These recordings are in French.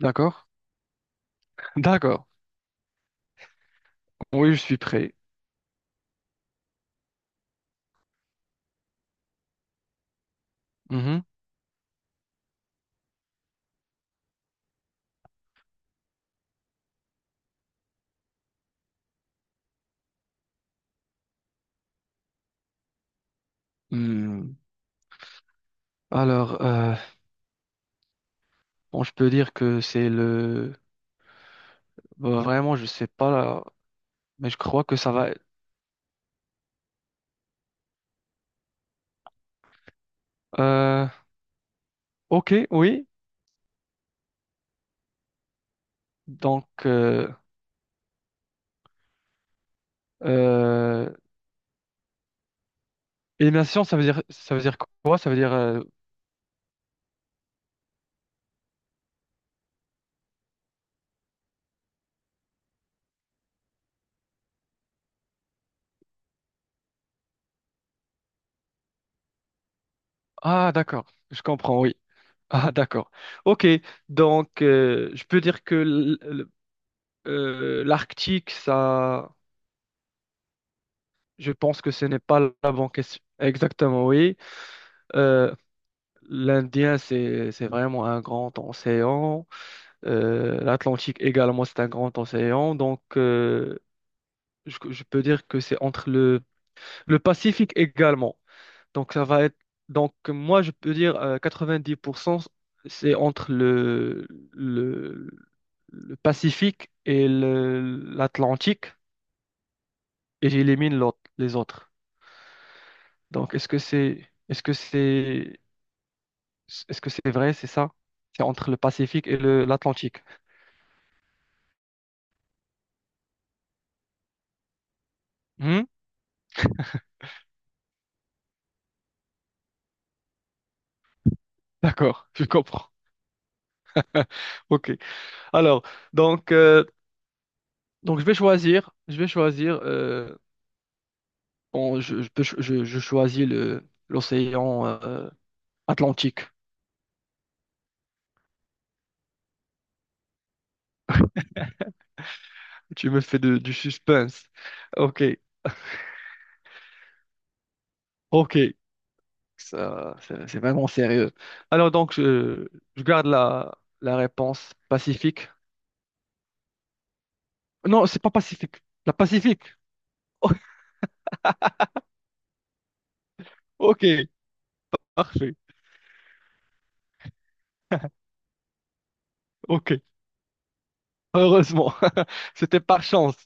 D'accord. D'accord. Oui, je suis prêt. Mhm. Hmm. Alors, bon, je peux dire que c'est le... Bah, vraiment, je sais pas là, mais je crois que ça va... être... Euh, ok, oui. Donc, euh, euh, élimination, ça veut dire quoi? Ça veut dire... Ah, d'accord. Je comprends, oui. Ah, d'accord. Ok. Donc, je peux dire que l'Arctique, ça... Je pense que ce n'est pas la bonne question. Exactement, oui. Euh, L'Indien, c'est vraiment un grand océan. l'Atlantique également, c'est un grand océan. Donc, je peux dire que c'est entre le Pacifique également. Donc, ça va être. Donc, moi, je peux dire 90%, c'est entre le Pacifique et l'Atlantique, et j'élimine l'autre, les autres. Donc, est-ce que c'est vrai, c'est ça? C'est entre le Pacifique et l'Atlantique. Hmm? D'accord, je comprends. Ok. Alors, donc, euh, je vais choisir. Bon, je choisis le l'océan Atlantique. Tu me fais du suspense. Ok, ok. Ça, c'est vraiment sérieux. Alors je garde la réponse Pacifique. Non, c'est pas Pacifique. La Pacifique. Ok, parfait. Ok, heureusement. C'était par chance.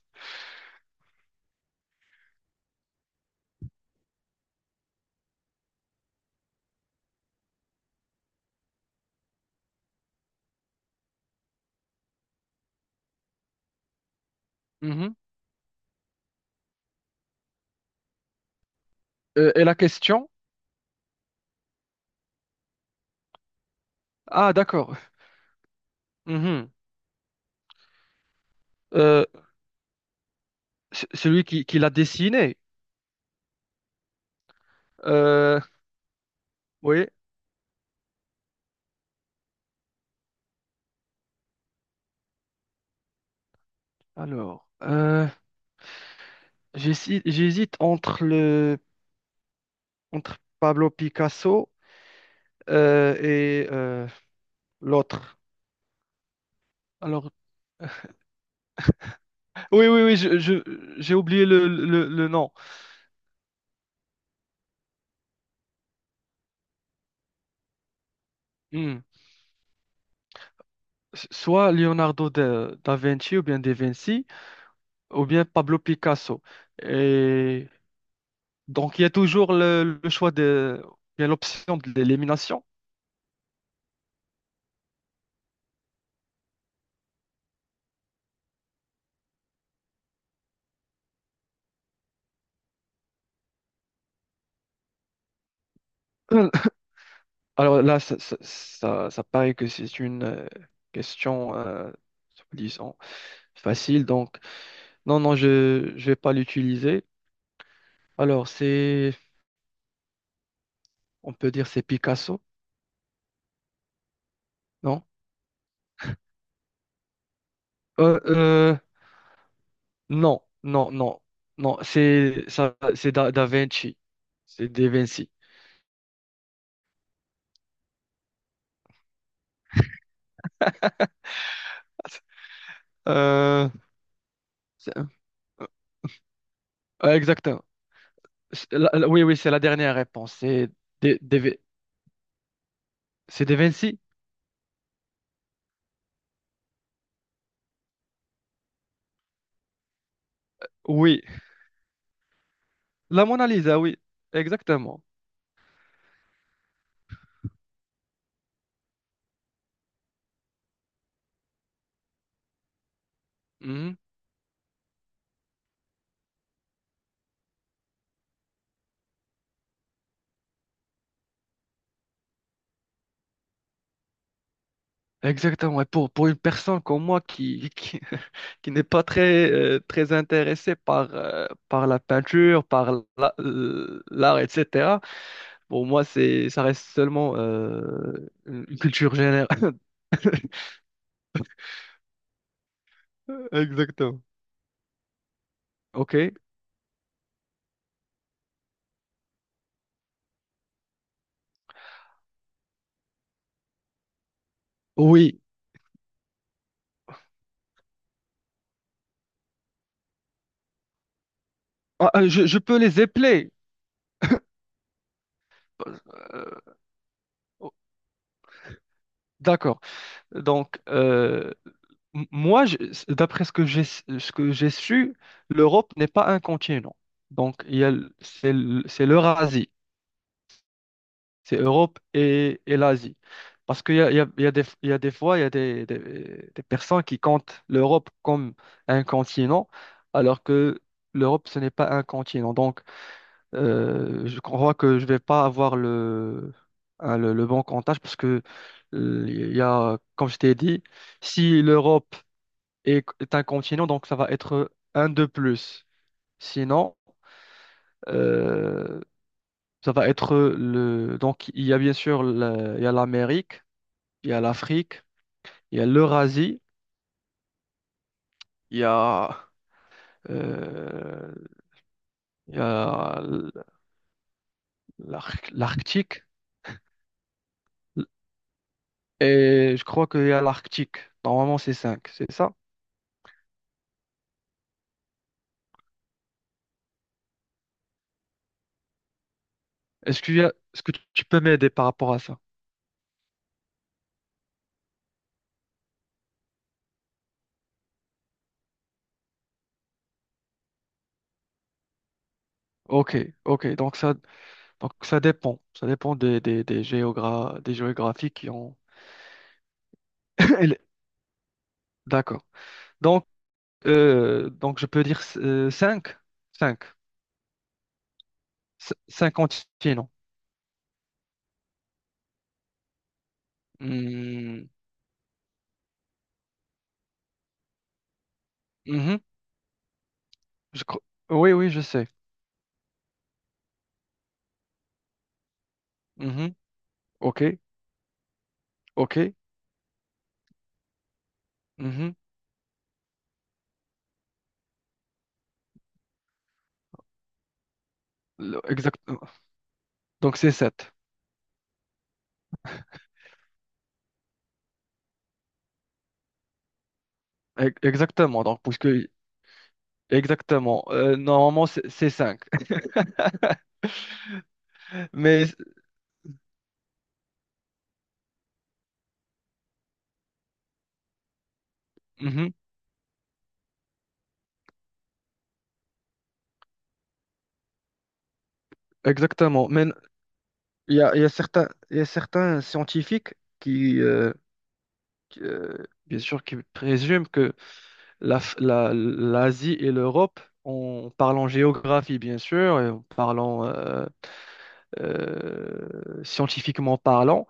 Mhm. Et la question? Ah, d'accord. Mhm. Euh, C- celui qui l'a dessiné. Euh, oui. Alors, j'hésite entre Pablo Picasso et l'autre. Alors, oui. J'ai oublié le nom. Hmm. S- Soit Leonardo da Vinci ou bien Da Vinci ou bien Pablo Picasso. Et donc, il y a toujours le choix de, il y a l'option de l'élimination. Alors là, ça paraît que c'est une question, disons, facile. Donc, non, non, je ne vais pas l'utiliser. Alors, c'est, on peut dire, c'est Picasso, non? Euh, euh, non, non, c'est ça, c'est Da Vinci, c'est Da Vinci. Euh, c'est- exactement. C'est oui, oui, c'est la dernière réponse. C'est Da Vin- c'est Da Vinci? Oui. La Mona Lisa, oui, exactement. Mhm. Exactement. Et pour une personne comme moi qui n'est pas très, très intéressée par, par la peinture, par l'art, etc. Pour moi, c'est, ça reste seulement une culture générale. Exactement. Ok, oui. Je peux les épeler. Euh, oh, d'accord. Donc, m- moi, je- d'après ce que ce que j'ai su, l'Europe n'est pas un continent. Donc, il y a, c'est c'est l'Eurasie. C'est Europe et l'Asie. Parce qu'il y a, il y a des, il y a des fois, il y a des, des personnes qui comptent l'Europe comme un continent, alors que l'Europe, ce n'est pas un continent. Donc, je crois que je ne vais pas avoir hein, le bon comptage parce que, il y a, comme je t'ai dit, si l'Europe est un continent, donc ça va être un de plus. Sinon, euh, ça va être le... Donc, il y a bien sûr il y a l'Amérique. Il y a l'Afrique, il y a l'Eurasie, il y a, euh, il y a l'Arctique, et je crois qu'il y a l'Arctique. Normalement, c'est cinq, c'est ça? Est-ce qu'il y a, est-ce que tu peux m'aider par rapport à ça? Ok, ok, donc ça dépend. Ça dépend des, géogra- des géographies qui ont. Elle- D'accord. Donc, donc, je peux dire cinq cinq continents. Hmm, mhm, je cro- Oui, oui, je sais. Mmh. Ok, ok. Mhm. Le- Exact. Donc c'est 7. Exactement. Donc puisque exactement. Normalement c'est 5. Mais mhm, exactement. Mais il y a, il y a certains scientifiques qui, euh, qui, bien sûr qui présument que l'Asie et l'Europe en parlant géographie bien sûr et en parlant scientifiquement parlant,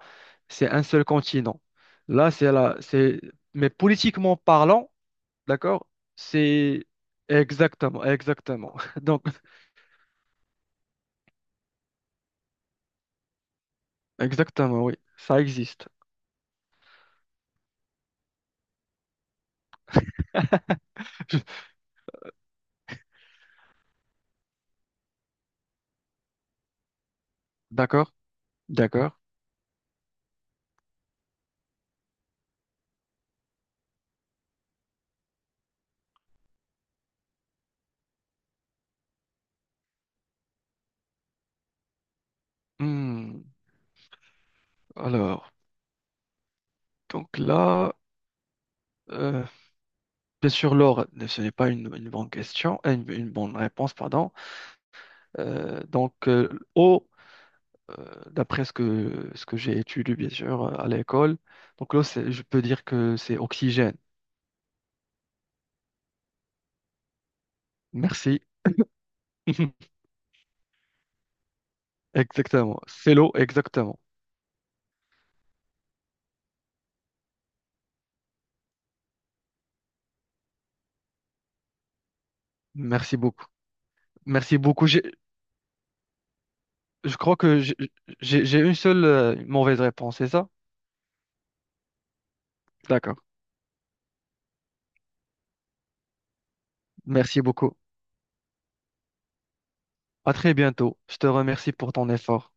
c'est un seul continent. Là, c'est c'est, mais politiquement parlant, d'accord, c'est exactement, exactement. Donc, exactement, oui, ça existe. D'accord, d'accord. Hmm, alors, donc là. Euh, bien sûr, l'or, ce n'est pas une, une bonne question, une bonne réponse, pardon. Donc, eau, euh, d'après ce que j'ai étudié, bien sûr, à l'école, donc l'eau, c'est- je peux dire que c'est oxygène. Merci. Exactement. C'est l'eau, exactement. Merci beaucoup. Merci beaucoup. J'ai- Je crois que j'ai j'ai une seule mauvaise réponse, c'est ça? D'accord. Merci beaucoup. À très bientôt. Je te remercie pour ton effort.